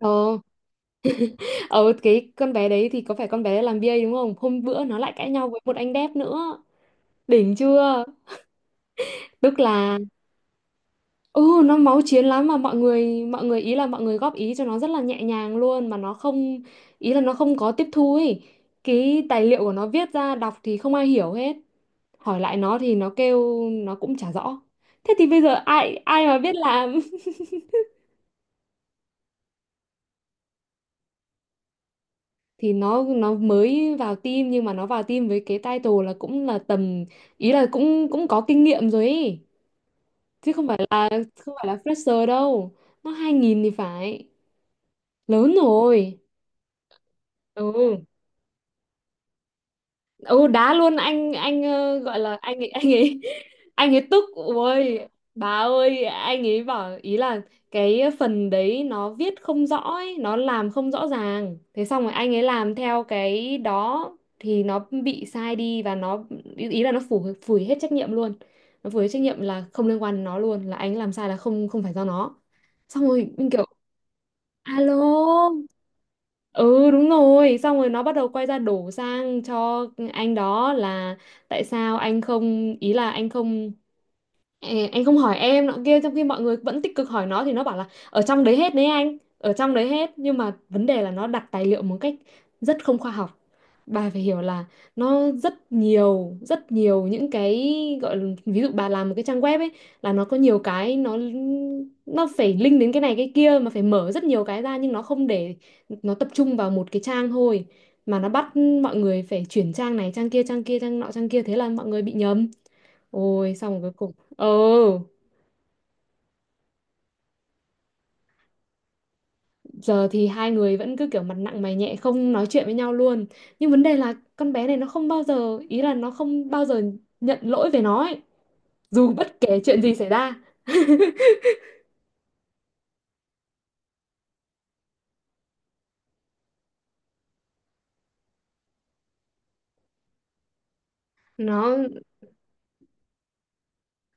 Ờ, ờ cái con bé đấy thì có phải con bé làm BA đúng không? Hôm bữa nó lại cãi nhau với một anh đẹp nữa. Đỉnh chưa? Tức là ừ nó máu chiến lắm mà mọi người ý là mọi người góp ý cho nó rất là nhẹ nhàng luôn mà nó không có tiếp thu ấy. Cái tài liệu của nó viết ra đọc thì không ai hiểu hết. Hỏi lại nó thì nó kêu nó cũng chả rõ. Thế thì bây giờ ai ai mà biết làm thì nó mới vào team nhưng mà nó vào team với cái title là cũng là tầm ý là cũng cũng có kinh nghiệm rồi ấy chứ không phải là không phải là fresher đâu. Nó 2000 thì phải lớn rồi. ừ ừ Đá luôn anh gọi là anh ấy anh ấy tức. Ôi bà ơi anh ấy bảo ý là cái phần đấy nó viết không rõ ấy, nó làm không rõ ràng, thế xong rồi anh ấy làm theo cái đó thì nó bị sai đi và nó ý ý là nó phủi hết trách nhiệm luôn. Nó phủi hết trách nhiệm là không liên quan đến nó luôn, là anh làm sai là không không phải do nó. Xong rồi mình kiểu alo. Ừ đúng rồi, xong rồi nó bắt đầu quay ra đổ sang cho anh đó là tại sao anh không, ê, anh không hỏi em nọ kia trong khi mọi người vẫn tích cực hỏi nó, thì nó bảo là ở trong đấy hết đấy, anh ở trong đấy hết, nhưng mà vấn đề là nó đặt tài liệu một cách rất không khoa học. Bà phải hiểu là nó rất nhiều những cái gọi là, ví dụ bà làm một cái trang web ấy, là nó có nhiều cái nó phải link đến cái này cái kia mà phải mở rất nhiều cái ra, nhưng nó không để, nó tập trung vào một cái trang thôi, mà nó bắt mọi người phải chuyển trang này trang kia trang kia trang nọ trang kia, thế là mọi người bị nhầm. Ôi xong cuối cùng, ừ, giờ thì hai người vẫn cứ kiểu mặt nặng mày nhẹ, không nói chuyện với nhau luôn. Nhưng vấn đề là con bé này nó không bao giờ, ý là nó không bao giờ nhận lỗi về nó ấy. Dù bất kể chuyện gì xảy ra. Nó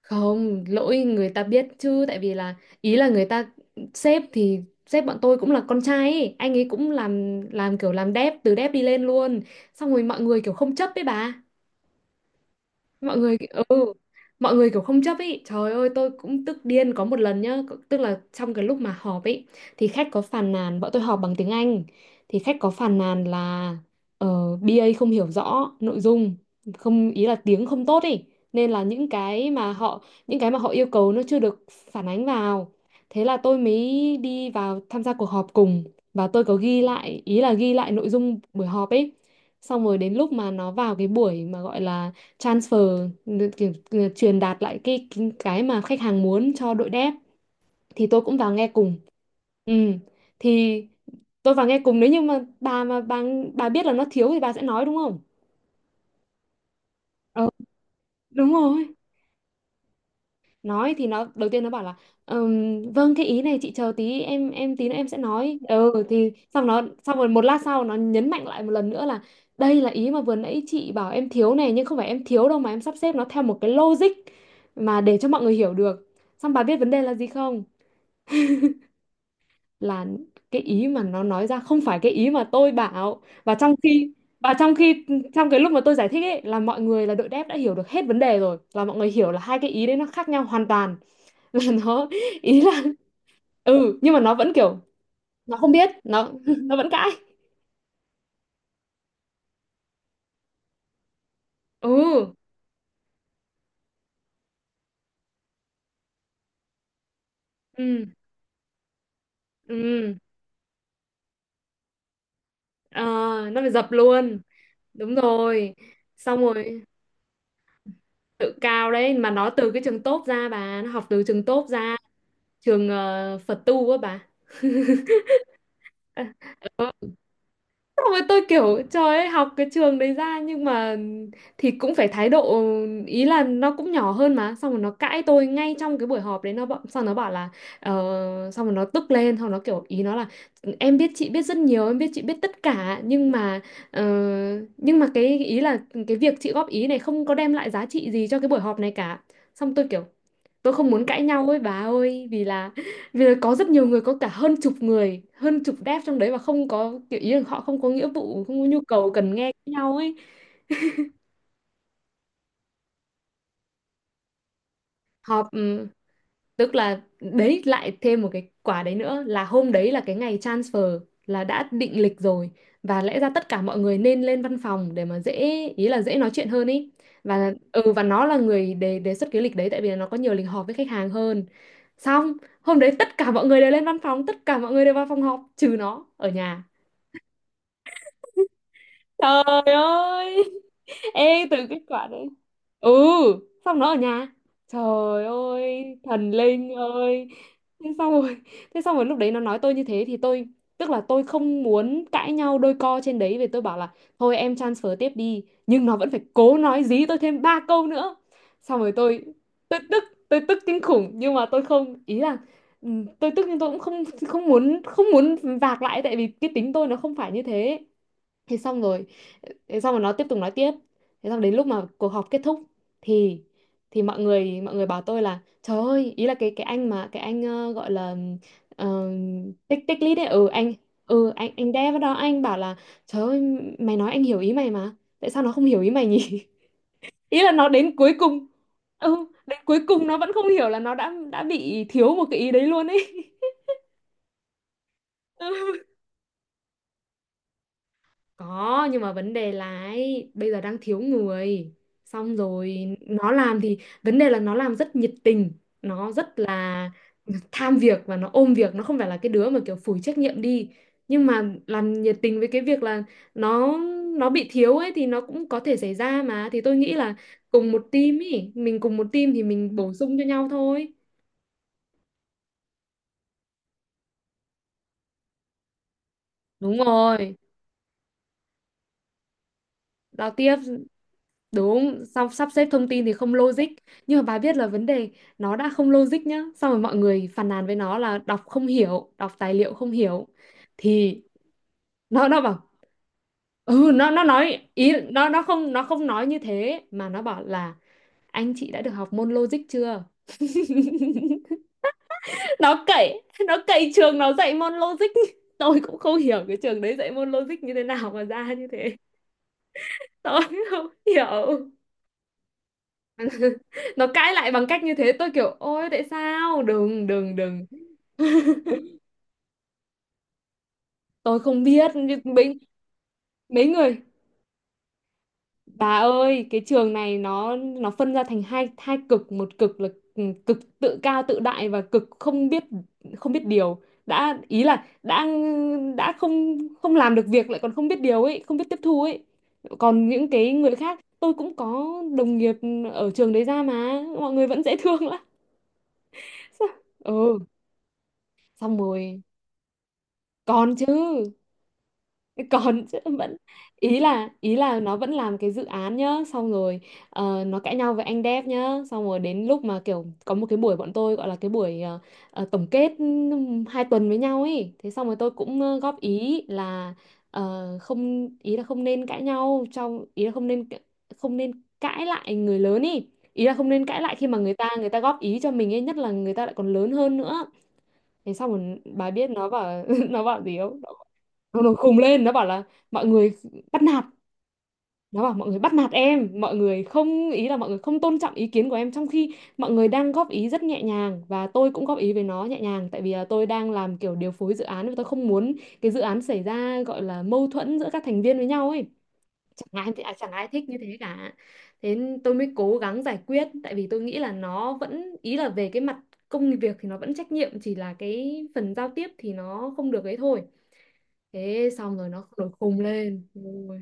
không, lỗi người ta biết chứ. Tại vì là ý là người ta sếp thì sếp bọn tôi cũng là con trai ấy. Anh ấy cũng làm kiểu làm đép, từ đép đi lên luôn. Xong rồi mọi người kiểu không chấp với bà, mọi người, ừ mọi người kiểu không chấp. Ý trời ơi tôi cũng tức điên có một lần nhá. Tức là trong cái lúc mà họp ấy thì khách có phàn nàn, bọn tôi họp bằng tiếng Anh, thì khách có phàn nàn là BA không hiểu rõ nội dung, không ý là tiếng không tốt ý, nên là những cái mà họ yêu cầu nó chưa được phản ánh vào. Thế là tôi mới đi vào tham gia cuộc họp cùng, và tôi có ghi lại, ý là ghi lại nội dung buổi họp ấy. Xong rồi đến lúc mà nó vào cái buổi mà gọi là transfer, kiểu, truyền đạt lại cái mà khách hàng muốn cho đội dev, thì tôi cũng vào nghe cùng. ừ thì tôi vào nghe cùng, nếu như mà bà biết là nó thiếu thì bà sẽ nói đúng không. Ờ, Đúng rồi, nói thì nó đầu tiên nó bảo là vâng cái ý này chị chờ tí, em tí nữa em sẽ nói". Ừ thì xong nó Xong rồi một lát sau nó nhấn mạnh lại một lần nữa là đây là ý mà vừa nãy chị bảo em thiếu này, nhưng không phải em thiếu đâu mà em sắp xếp nó theo một cái logic mà để cho mọi người hiểu được. Xong bà biết vấn đề là gì không, là cái ý mà nó nói ra không phải cái ý mà tôi bảo. Và trong khi trong cái lúc mà tôi giải thích ấy là mọi người, là đội dev đã hiểu được hết vấn đề rồi, là mọi người hiểu là hai cái ý đấy nó khác nhau hoàn toàn, là nó ý là ừ nhưng mà nó vẫn kiểu, nó không biết nó nó vẫn cãi. ừ ừ ừ Ờ, nó phải dập luôn, đúng rồi. Xong rồi tự cao đấy, mà nó từ cái trường tốt ra bà, nó học từ trường tốt ra, trường Phật tu á bà. Xong rồi tôi kiểu trời ơi học cái trường đấy ra nhưng mà thì cũng phải thái độ, ý là nó cũng nhỏ hơn mà, xong rồi nó cãi tôi ngay trong cái buổi họp đấy. Xong nó bảo là ờ, xong rồi nó tức lên, xong nó kiểu ý nó là em biết chị biết rất nhiều, em biết chị biết tất cả, nhưng mà, ờ, nhưng mà cái việc chị góp ý này không có đem lại giá trị gì cho cái buổi họp này cả. Xong tôi kiểu, tôi không muốn cãi nhau ấy bà ơi, vì là, vì là có rất nhiều người, có cả hơn chục người, hơn chục dev trong đấy, và không có kiểu ý là họ không có nghĩa vụ, không có nhu cầu cần nghe nhau ấy. Họp, tức là đấy lại thêm một cái quả đấy nữa, là hôm đấy là cái ngày transfer, là đã định lịch rồi, và lẽ ra tất cả mọi người nên lên văn phòng để mà dễ, ý là dễ nói chuyện hơn ý. Và nó là người đề đề xuất cái lịch đấy tại vì là nó có nhiều lịch họp với khách hàng hơn. Xong, hôm đấy tất cả mọi người đều lên văn phòng, tất cả mọi người đều vào phòng họp trừ nó ở nhà. Trời ơi. Ê từ kết quả đấy, ừ xong nó ở nhà, trời ơi thần linh ơi. Thế xong rồi thế xong rồi lúc đấy nó nói tôi như thế thì tôi, tức là tôi không muốn cãi nhau đôi co trên đấy, vì tôi bảo là thôi em transfer tiếp đi, nhưng nó vẫn phải cố nói dí tôi thêm ba câu nữa. Xong rồi Tôi tức, tôi tức kinh khủng, nhưng mà tôi không, ý là, ừ, tôi tức nhưng tôi cũng không, không muốn vạc lại, tại vì cái tính tôi nó không phải như thế. Thế xong rồi thế xong rồi nó tiếp tục nói tiếp. Thế xong đến lúc mà cuộc họp kết thúc thì thì mọi người, mọi người bảo tôi là trời ơi, ý là cái anh mà cái anh gọi là, ờ, tích tích lít ấy, anh dev đó, anh bảo là trời ơi mày nói anh hiểu ý mày, mà tại sao nó không hiểu ý mày nhỉ. Ý là nó đến cuối cùng, đến cuối cùng nó vẫn không hiểu là nó đã bị thiếu một cái ý đấy luôn ấy. Có, nhưng mà vấn đề là ấy, bây giờ đang thiếu người. Xong rồi nó làm thì, vấn đề là nó làm rất nhiệt tình, nó rất là tham việc và nó ôm việc, nó không phải là cái đứa mà kiểu phủi trách nhiệm đi. Nhưng mà làm nhiệt tình với cái việc là nó nó bị thiếu ấy thì nó cũng có thể xảy ra mà. Thì tôi nghĩ là cùng một team ý, mình cùng một team thì mình bổ sung cho nhau thôi. Đúng rồi, giao tiếp, đúng, xong sắp xếp thông tin thì không logic. Nhưng mà bà biết là vấn đề nó đã không logic nhá, xong rồi mọi người phàn nàn với nó là đọc không hiểu, đọc tài liệu không hiểu. Thì nó bảo, ừ, nó nói ý nó không nói như thế mà nó bảo là anh chị đã được học môn logic chưa? Nó cậy, nó cậy trường nó dạy môn logic. Tôi cũng không hiểu cái trường đấy dạy môn logic như thế nào mà ra như thế. Tôi không hiểu. Nó cãi lại bằng cách như thế tôi kiểu ôi tại sao đừng đừng đừng Tôi không biết nhưng mấy mấy người. Bà ơi, cái trường này nó phân ra thành hai hai cực. Một cực là cực tự cao tự đại và cực không biết, không biết điều. Đã ý là đã không không làm được việc lại còn không biết điều ấy, không biết tiếp thu ấy. Còn những cái người khác tôi cũng có đồng nghiệp ở trường đấy ra mà mọi người vẫn dễ thương lắm. Sao- ừ, xong rồi còn chứ, còn chứ vẫn, ý là nó vẫn làm cái dự án nhá. Xong rồi nó cãi nhau với anh dev nhá. Xong rồi đến lúc mà kiểu có một cái buổi, bọn tôi gọi là cái buổi tổng kết hai tuần với nhau ấy. Thế xong rồi tôi cũng góp ý là không, ý là không nên cãi nhau trong, ý là không nên, không nên cãi lại người lớn ý, ý là không nên cãi lại khi mà người ta góp ý cho mình ấy, nhất là người ta lại còn lớn hơn nữa. Thế xong rồi bà biết nó bảo nó bảo gì không? Nó nổi khùng lên nó bảo là mọi người bắt nạt, nó bảo mọi người bắt nạt em, mọi người không, ý là mọi người không tôn trọng ý kiến của em, trong khi mọi người đang góp ý rất nhẹ nhàng và tôi cũng góp ý với nó nhẹ nhàng, tại vì là tôi đang làm kiểu điều phối dự án và tôi không muốn cái dự án xảy ra gọi là mâu thuẫn giữa các thành viên với nhau ấy. Chẳng ai thích như thế cả. Thế tôi mới cố gắng giải quyết tại vì tôi nghĩ là nó vẫn, ý là về cái mặt công việc thì nó vẫn trách nhiệm, chỉ là cái phần giao tiếp thì nó không được ấy thôi. Thế xong rồi nó nổi khùng lên. Ôi,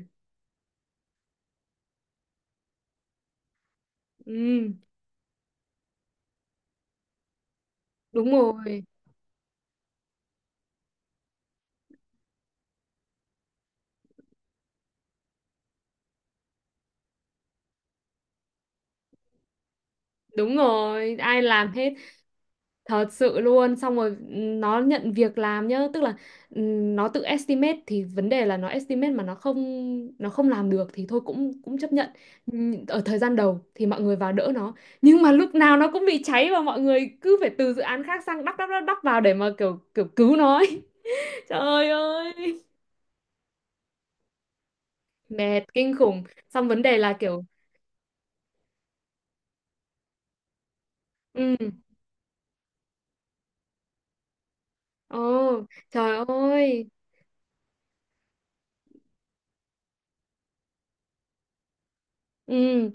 ừ, đúng rồi, đúng rồi, ai làm hết. Thật sự luôn, xong rồi nó nhận việc làm nhá, tức là nó tự estimate, thì vấn đề là nó estimate mà nó không, nó không làm được thì thôi, cũng cũng chấp nhận. Ở thời gian đầu thì mọi người vào đỡ nó, nhưng mà lúc nào nó cũng bị cháy và mọi người cứ phải từ dự án khác sang đắp đắp đắp đắp vào để mà kiểu kiểu cứu nó ấy. Trời ơi, mệt kinh khủng. Xong vấn đề là kiểu ừ, ồ, trời ơi. Ừ.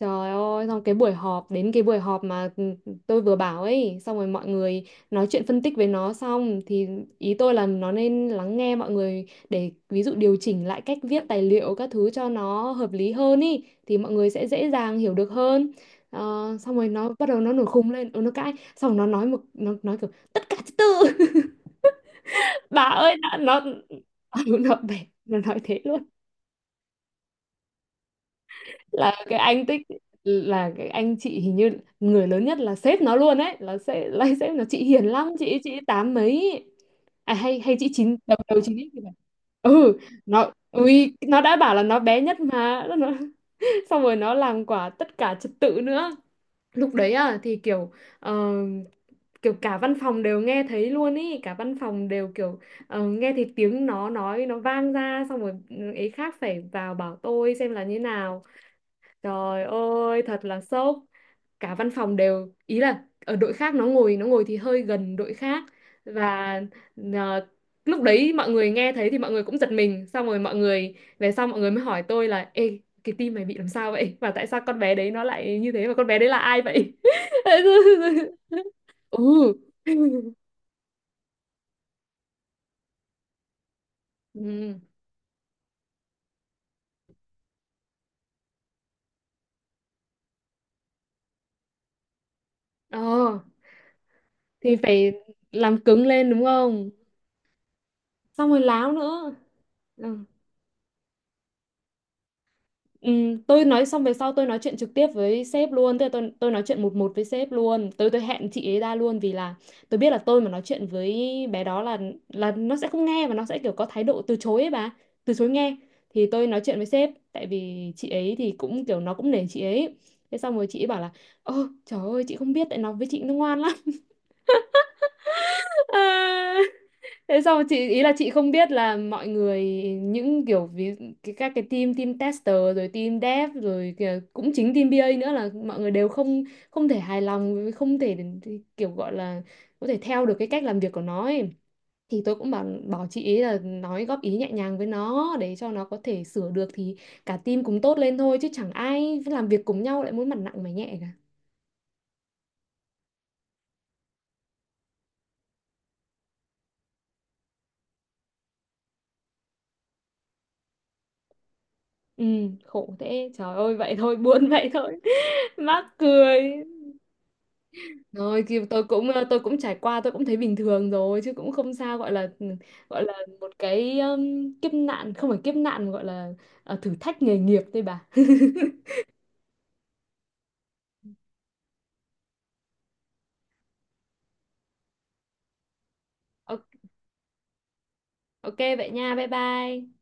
Trời ơi, xong cái buổi họp, đến cái buổi họp mà ừ, tôi vừa bảo ấy, xong rồi mọi người nói chuyện phân tích với nó xong thì ý tôi là nó nên lắng nghe mọi người để ví dụ điều chỉnh lại cách viết tài liệu các thứ cho nó hợp lý hơn ý, thì mọi người sẽ dễ dàng hiểu được hơn. Ờ, Xong rồi nó bắt đầu nó nổi khùng lên, ừ, nó cãi, xong rồi nó nói một, nó nói kiểu tất cả thứ tư. Bà ơi, nó nó, nó, nó nói thế luôn. Là cái anh tích, là cái anh chị hình như, người lớn nhất là sếp nó luôn ấy, là sẽ là sếp nó chị hiền lắm, chị tám mấy, à hay hay chị chín đầu, đầu chín ít thì phải. Ừ, nó ui nó đã bảo là nó bé nhất mà nó, xong rồi nó làm quả tất cả trật tự nữa lúc đấy. À thì kiểu ờ, kiểu cả văn phòng đều nghe thấy luôn ý, cả văn phòng đều kiểu nghe thấy tiếng nó nói, nó vang ra, xong rồi ấy khác phải vào bảo tôi xem là như nào. Trời ơi, thật là sốc. Cả văn phòng đều, ý là ở đội khác, nó ngồi thì hơi gần đội khác và ờ, lúc đấy mọi người nghe thấy thì mọi người cũng giật mình, xong rồi mọi người về sau mọi người mới hỏi tôi là ê cái tim mày bị làm sao vậy? Và tại sao con bé đấy nó lại như thế và con bé đấy là ai vậy? Ừ. Ừ. Ờ thì phải làm cứng lên đúng không? Xong rồi láo nữa. Ừ. Tôi nói xong về sau tôi nói chuyện trực tiếp với sếp luôn, tức là tôi nói chuyện một một với sếp luôn, tôi hẹn chị ấy ra luôn vì là tôi biết là tôi mà nói chuyện với bé đó là nó sẽ không nghe và nó sẽ kiểu có thái độ từ chối ấy bà, từ chối nghe. Thì tôi nói chuyện với sếp tại vì chị ấy thì cũng kiểu nó cũng nể chị ấy. Thế xong rồi chị ấy bảo là ơ trời ơi chị không biết, tại nó với chị nó ngoan lắm. Ờ, thế xong chị ý là chị không biết là mọi người, những kiểu ví, các cái team team tester rồi team dev rồi kìa, cũng chính team BA nữa, là mọi người đều không, không thể hài lòng, không thể kiểu gọi là có thể theo được cái cách làm việc của nó ấy. Thì tôi cũng bảo bảo chị ấy là nói góp ý nhẹ nhàng với nó để cho nó có thể sửa được, thì cả team cùng tốt lên thôi, chứ chẳng ai làm việc cùng nhau lại muốn mặt nặng mày nhẹ cả. Ừ, khổ thế, trời ơi vậy thôi, buồn vậy thôi. Mắc cười. Rồi thì tôi cũng tôi cũng trải qua tôi cũng thấy bình thường rồi chứ cũng không sao, gọi là ừ, gọi là một cái kiếp nạn, không phải kiếp nạn mà gọi là thử thách nghề nghiệp thôi bà. Ok vậy nha, bye bye.